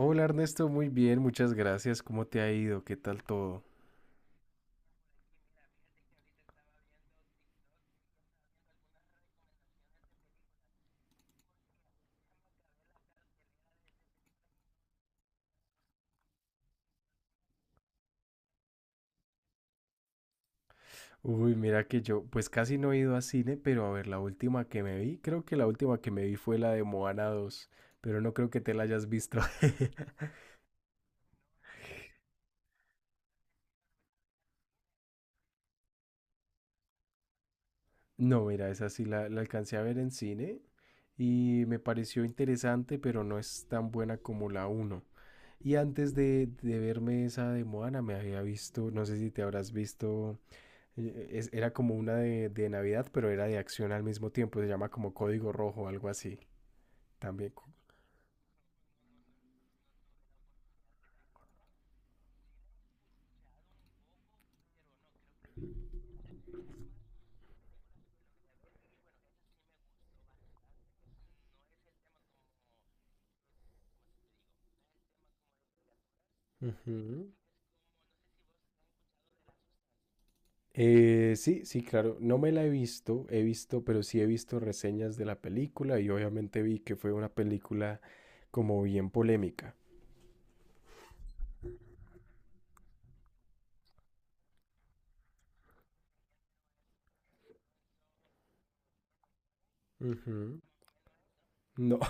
Hola Ernesto, muy bien, muchas gracias. ¿Cómo te ha ido? ¿Qué tal todo? Uy, mira que yo, pues casi no he ido a cine, pero a ver, la última que me vi, creo que la última que me vi fue la de Moana dos, pero no creo que te la hayas visto. No, mira, esa sí la alcancé a ver en cine y me pareció interesante, pero no es tan buena como la uno. Y antes de verme esa de Moana, me había visto, no sé si te habrás visto. Era como una de Navidad, pero era de acción al mismo tiempo. Se llama como Código Rojo, algo así. También. Ujú. Sí, sí, claro. No me la he visto, pero sí he visto reseñas de la película y obviamente vi que fue una película como bien polémica. Ujú. No,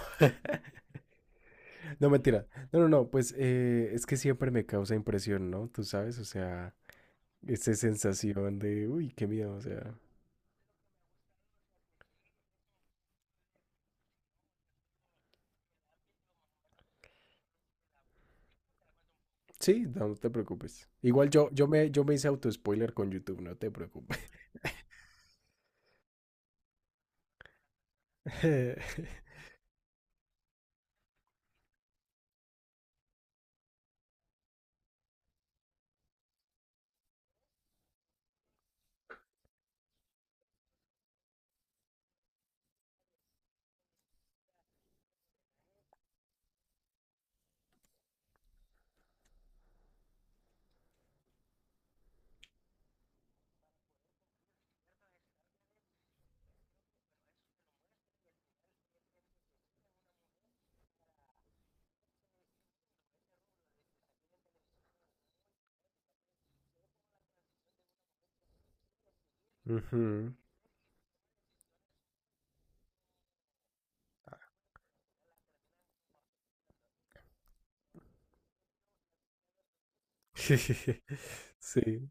no mentira. No, no, no, es que siempre me causa impresión, ¿no? Tú sabes, o sea, esa sensación de, uy, qué miedo, o sea. Sí, no, no te preocupes. Igual yo me hice auto-spoiler con YouTube, no te preocupes. Ujú. Sí,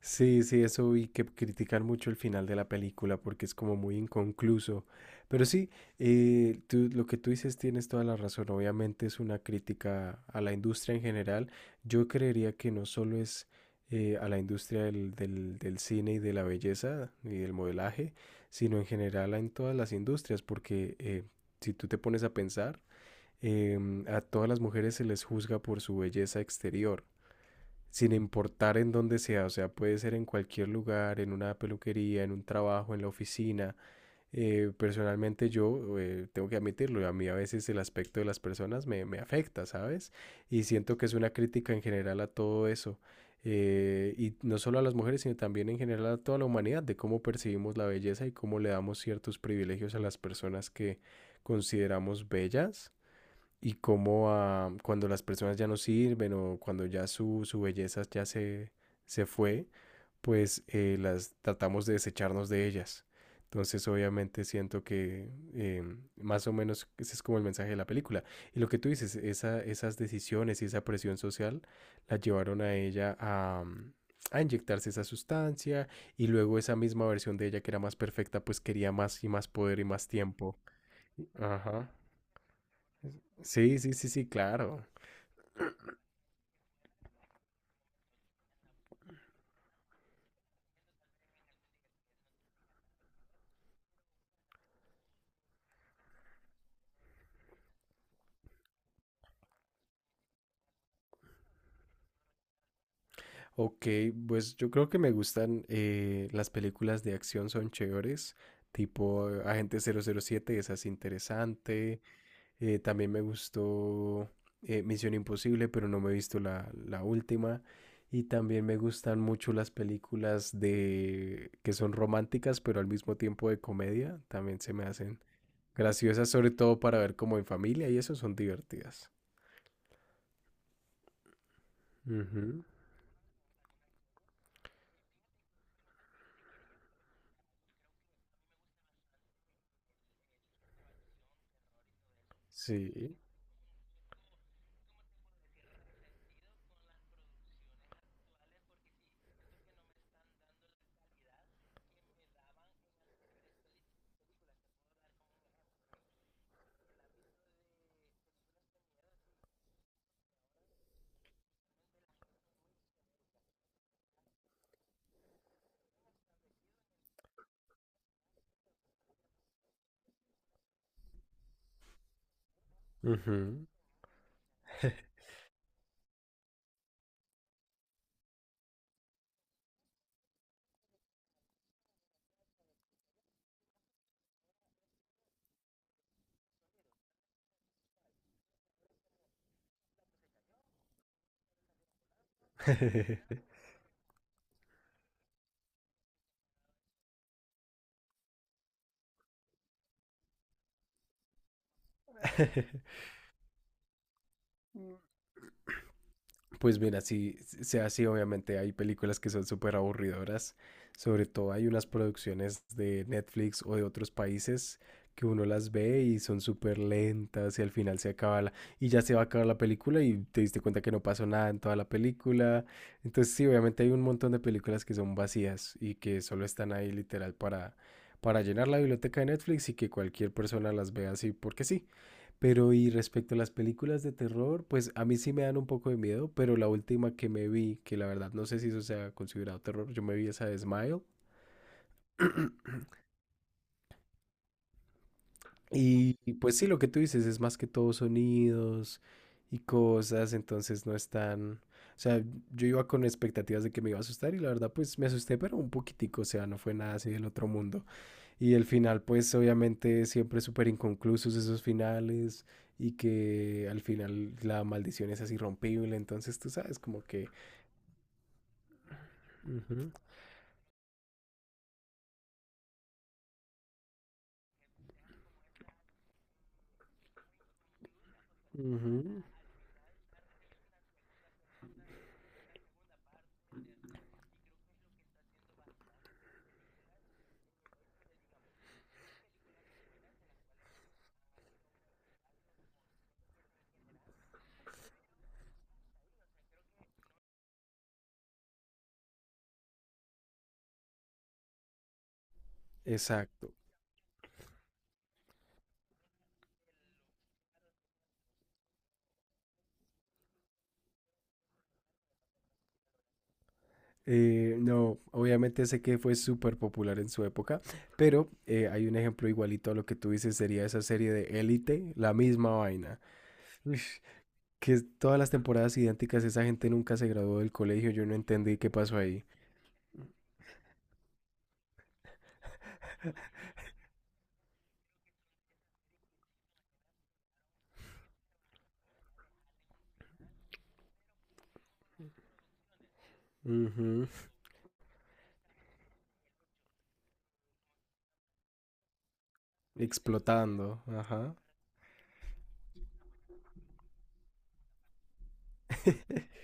sí, sí, eso vi que critican mucho el final de la película porque es como muy inconcluso. Pero sí, lo que tú dices tienes toda la razón. Obviamente es una crítica a la industria en general. Yo creería que no solo es a la industria del cine y de la belleza y del modelaje, sino en general en todas las industrias, porque si tú te pones a pensar, a todas las mujeres se les juzga por su belleza exterior sin importar en dónde sea, o sea, puede ser en cualquier lugar, en una peluquería, en un trabajo, en la oficina. Personalmente yo tengo que admitirlo, a mí a veces el aspecto de las personas me afecta, ¿sabes? Y siento que es una crítica en general a todo eso. Y no solo a las mujeres, sino también en general a toda la humanidad, de cómo percibimos la belleza y cómo le damos ciertos privilegios a las personas que consideramos bellas y cómo cuando las personas ya no sirven o cuando ya su belleza se fue, las tratamos de desecharnos de ellas. Entonces, obviamente siento que más o menos ese es como el mensaje de la película. Y lo que tú dices, esas decisiones y esa presión social la llevaron a ella a, a inyectarse esa sustancia y luego esa misma versión de ella que era más perfecta, pues quería más y más poder y más tiempo. Ajá. Sí, sí, sí, sí, claro. Ok, pues yo creo que me gustan las películas de acción, son chéveres, tipo Agente 007, esa es interesante. También me gustó Misión Imposible, pero no me he visto la última. Y también me gustan mucho las películas de que son románticas, pero al mismo tiempo de comedia, también se me hacen graciosas, sobre todo para ver como en familia, y eso son divertidas. Ujú. Sí. Ujú. Pues mira, sí, sí, sea así, obviamente hay películas que son súper aburridoras, sobre todo hay unas producciones de Netflix o de otros países que uno las ve y son súper lentas y al final se acaba la, y ya se va a acabar la película y te diste cuenta que no pasó nada en toda la película. Entonces sí, obviamente hay un montón de películas que son vacías y que solo están ahí literal para llenar la biblioteca de Netflix y que cualquier persona las vea así porque sí. Pero y respecto a las películas de terror, pues a mí sí me dan un poco de miedo, pero la última que me vi, que la verdad no sé si eso sea considerado terror, yo me vi esa de Smile. Y pues sí, lo que tú dices es más que todo sonidos y cosas, entonces no es tan... O sea, yo iba con expectativas de que me iba a asustar y la verdad pues me asusté, pero un poquitico, o sea, no fue nada así del otro mundo. Y el final, pues obviamente siempre súper inconclusos esos finales y que al final la maldición es así rompible, entonces tú sabes como que... Ujú, ujú. Exacto. No, obviamente sé que fue súper popular en su época, pero hay un ejemplo igualito a lo que tú dices, sería esa serie de Élite, la misma vaina. Ush, que todas las temporadas idénticas, esa gente nunca se graduó del colegio, yo no entendí qué pasó ahí. Ujú. Explotando, ajá.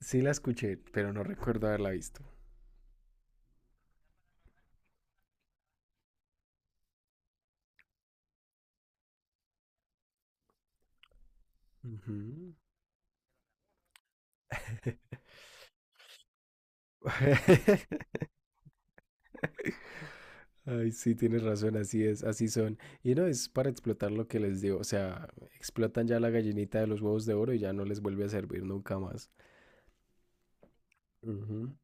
Sí la escuché, pero no recuerdo haberla visto. Ujú. Ay, sí, tienes razón, así es, así son. Y no, es para explotar lo que les digo, o sea, explotan ya la gallinita de los huevos de oro y ya no les vuelve a servir nunca más. Ujú.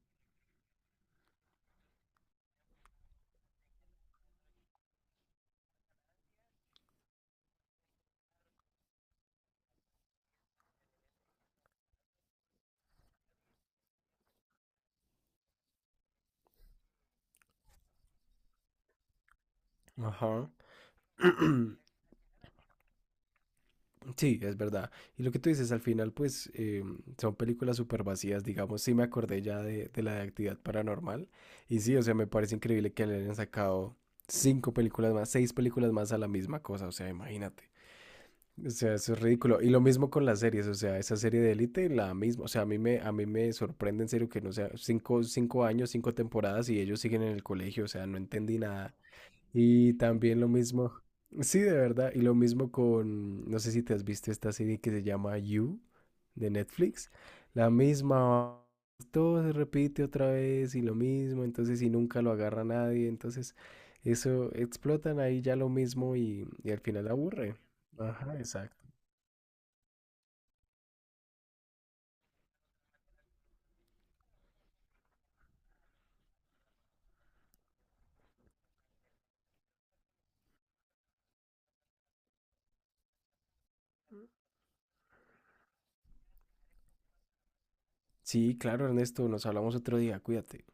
Ajá. Sí, es verdad. Y lo que tú dices, al final, son películas súper vacías, digamos. Sí, me acordé ya de la de actividad paranormal. Y sí, o sea, me parece increíble que le hayan sacado cinco películas más, seis películas más a la misma cosa. O sea, imagínate. O sea, eso es ridículo. Y lo mismo con las series, o sea, esa serie de Élite, la misma, o sea, a mí me sorprende en serio que no sea cinco años, cinco temporadas y ellos siguen en el colegio, o sea, no entendí nada. Y también lo mismo, sí, de verdad, y lo mismo con, no sé si te has visto esta serie que se llama You de Netflix, la misma, todo se repite otra vez y lo mismo, entonces y nunca lo agarra nadie, entonces eso explotan ahí ya lo mismo y al final aburre. Ajá, exacto. Sí, claro, Ernesto, nos hablamos otro día, cuídate.